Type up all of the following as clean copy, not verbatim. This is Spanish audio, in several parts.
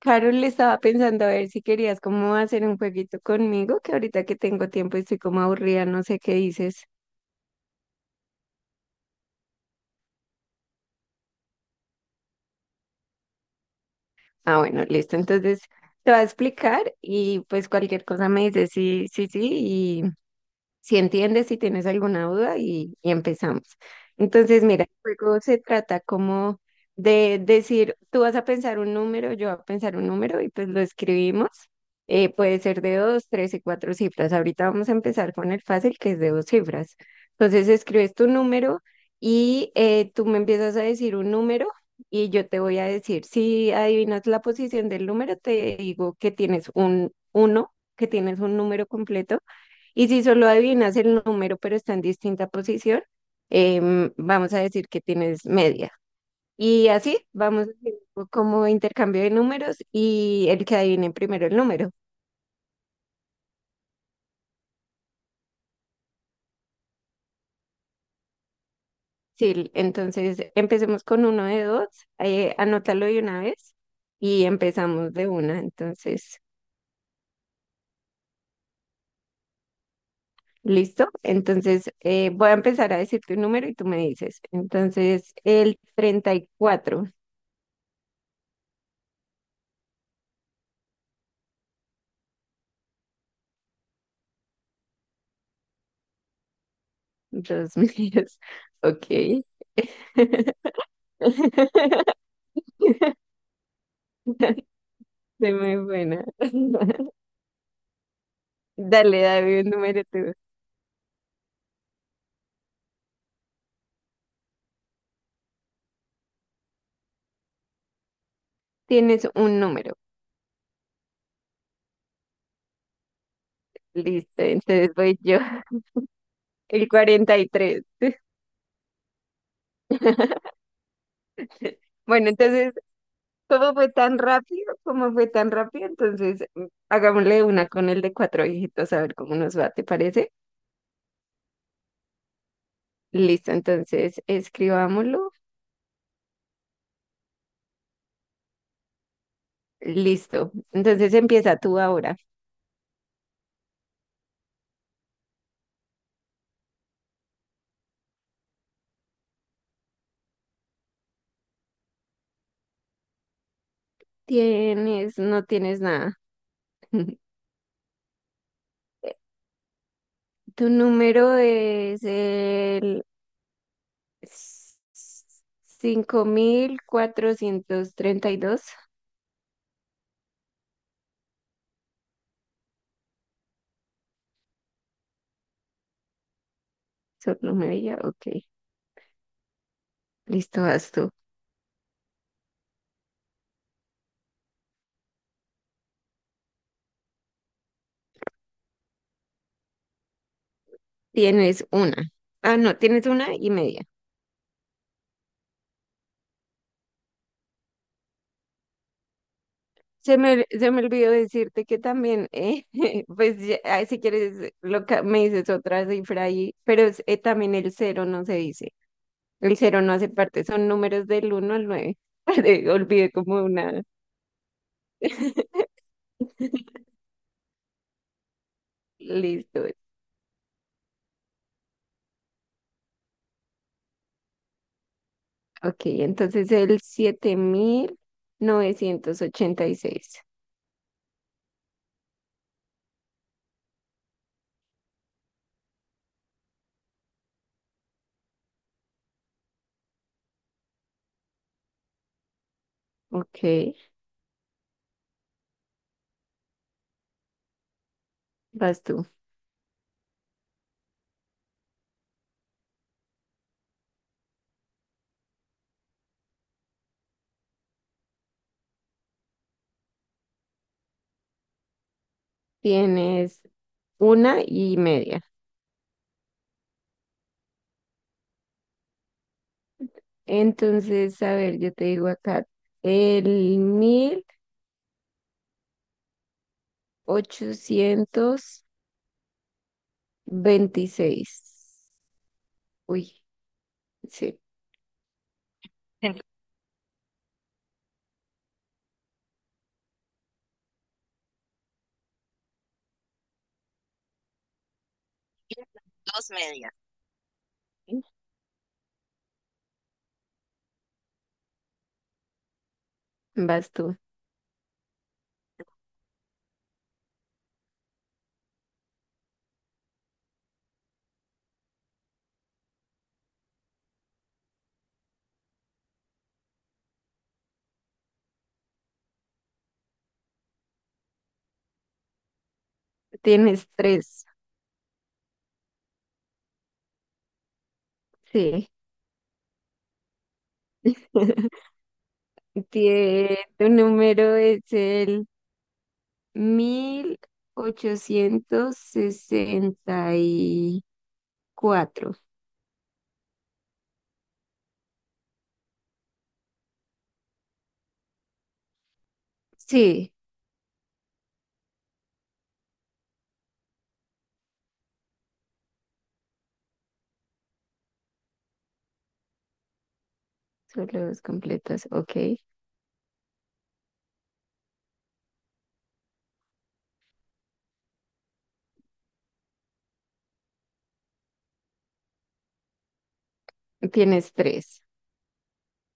Carol, le estaba pensando a ver si querías como hacer un jueguito conmigo, que ahorita que tengo tiempo y estoy como aburrida, no sé qué dices. Ah, bueno, listo. Entonces te voy a explicar y pues cualquier cosa me dices sí, sí, sí si entiendes, si tienes alguna duda y empezamos. Entonces, mira, el juego se trata como de decir, tú vas a pensar un número, yo voy a pensar un número y pues lo escribimos. Puede ser de dos, tres y cuatro cifras. Ahorita vamos a empezar con el fácil, que es de dos cifras. Entonces, escribes tu número y tú me empiezas a decir un número y yo te voy a decir, si adivinas la posición del número, te digo que tienes un uno, que tienes un número completo y si solo adivinas el número, pero está en distinta posición, vamos a decir que tienes media. Y así vamos haciendo como intercambio de números y el que adivine primero el número. Sí, entonces empecemos con uno de dos, anótalo de una vez y empezamos de una. Entonces, ¿listo? Entonces, voy a empezar a decirte un número y tú me dices. Entonces, el 34. Dos míos. Ok. Soy muy buena. Dale, dame un número tú. Tienes un número. Listo, entonces voy yo. El 43. Bueno, entonces, ¿cómo fue tan rápido? ¿Cómo fue tan rápido? Entonces, mm, hagámosle una con el de cuatro dígitos a ver cómo nos va, ¿te parece? Listo, entonces, escribámoslo. Listo. Entonces, empieza tú ahora. Tienes, no tienes nada. Tu número es el 5432. Solo media. Ok. Listo, vas tú. Tienes una. Ah, no, tienes una y media. Se me olvidó decirte que también, pues ya- ah, si quieres, lo, ca- me dices otra cifra ahí, pero es- también el cero no se dice. El cero no hace parte, son números del uno al nueve. Olvidé como una. Listo. Ok, entonces el 7986. Ok, vas tú. Tienes una y media. Entonces, a ver, yo te digo acá, el 1826. Uy, sí, vas tú. Tienes tres. Sí. Tu número es el 1860. Cuatro. Sí, solo dos completas. Ok. Tienes tres.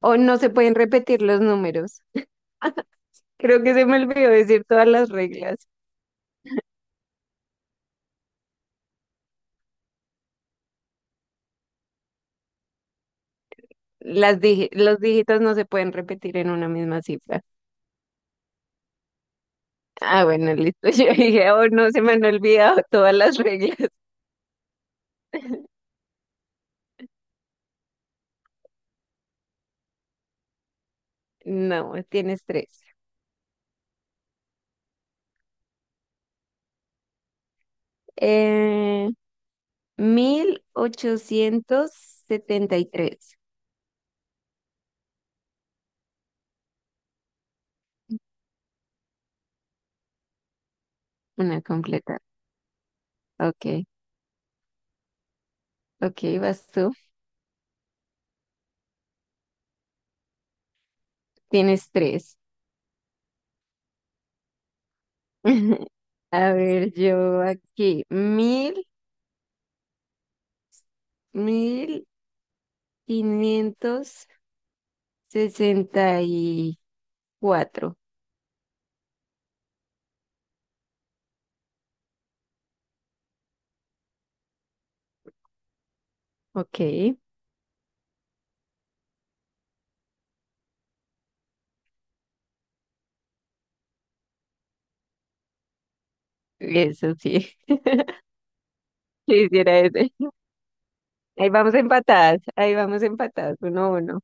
O no se pueden repetir los números. Creo que se me olvidó decir todas las reglas. Las dije, los dígitos no se pueden repetir en una misma cifra. Ah, bueno, listo. Yo dije, oh, no, se me han olvidado todas las reglas. No, tienes tres. Eh, 1873. Una completa. Ok, ok, vas tú. Tienes tres. A ver, yo aquí, 1564. Ok, eso sí, quisiera ese. Ahí vamos empatadas, uno a uno.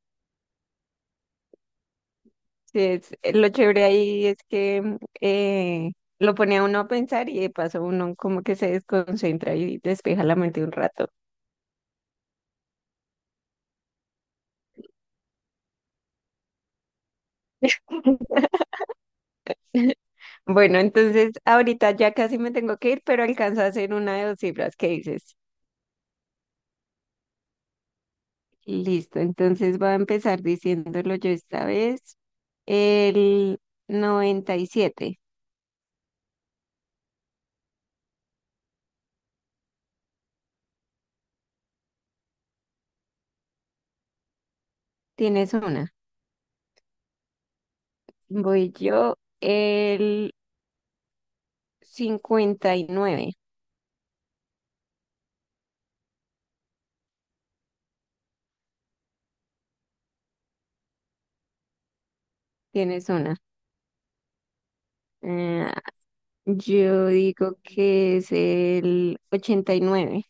Sí, es, lo chévere ahí es que mm, lo pone a uno a pensar y de paso uno como que se desconcentra y despeja la mente un rato. Bueno, entonces ahorita ya casi me tengo que ir, pero alcanzo a hacer una de dos cifras, ¿qué dices? Listo, entonces voy a empezar diciéndolo yo esta vez. El 97. Tienes una. Voy yo, el 59. Tienes una. Eh, yo digo que es el 89.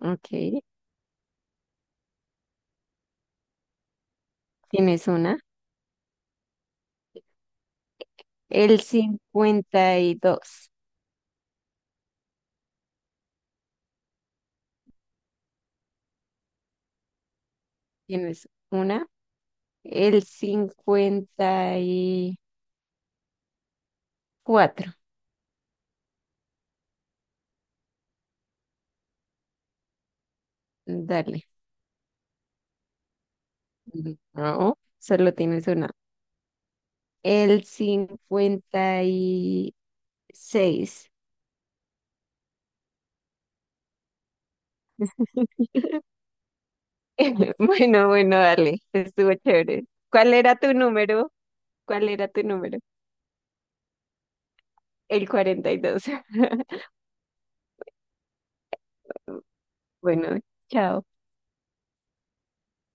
Ok, tienes una. El 52. Tienes una. El 54. Dale. No, solo tienes una. El 56. Bueno, bueno, dale, estuvo chévere. ¿Cuál era tu número? ¿Cuál era tu número? El 42. Bueno, chao.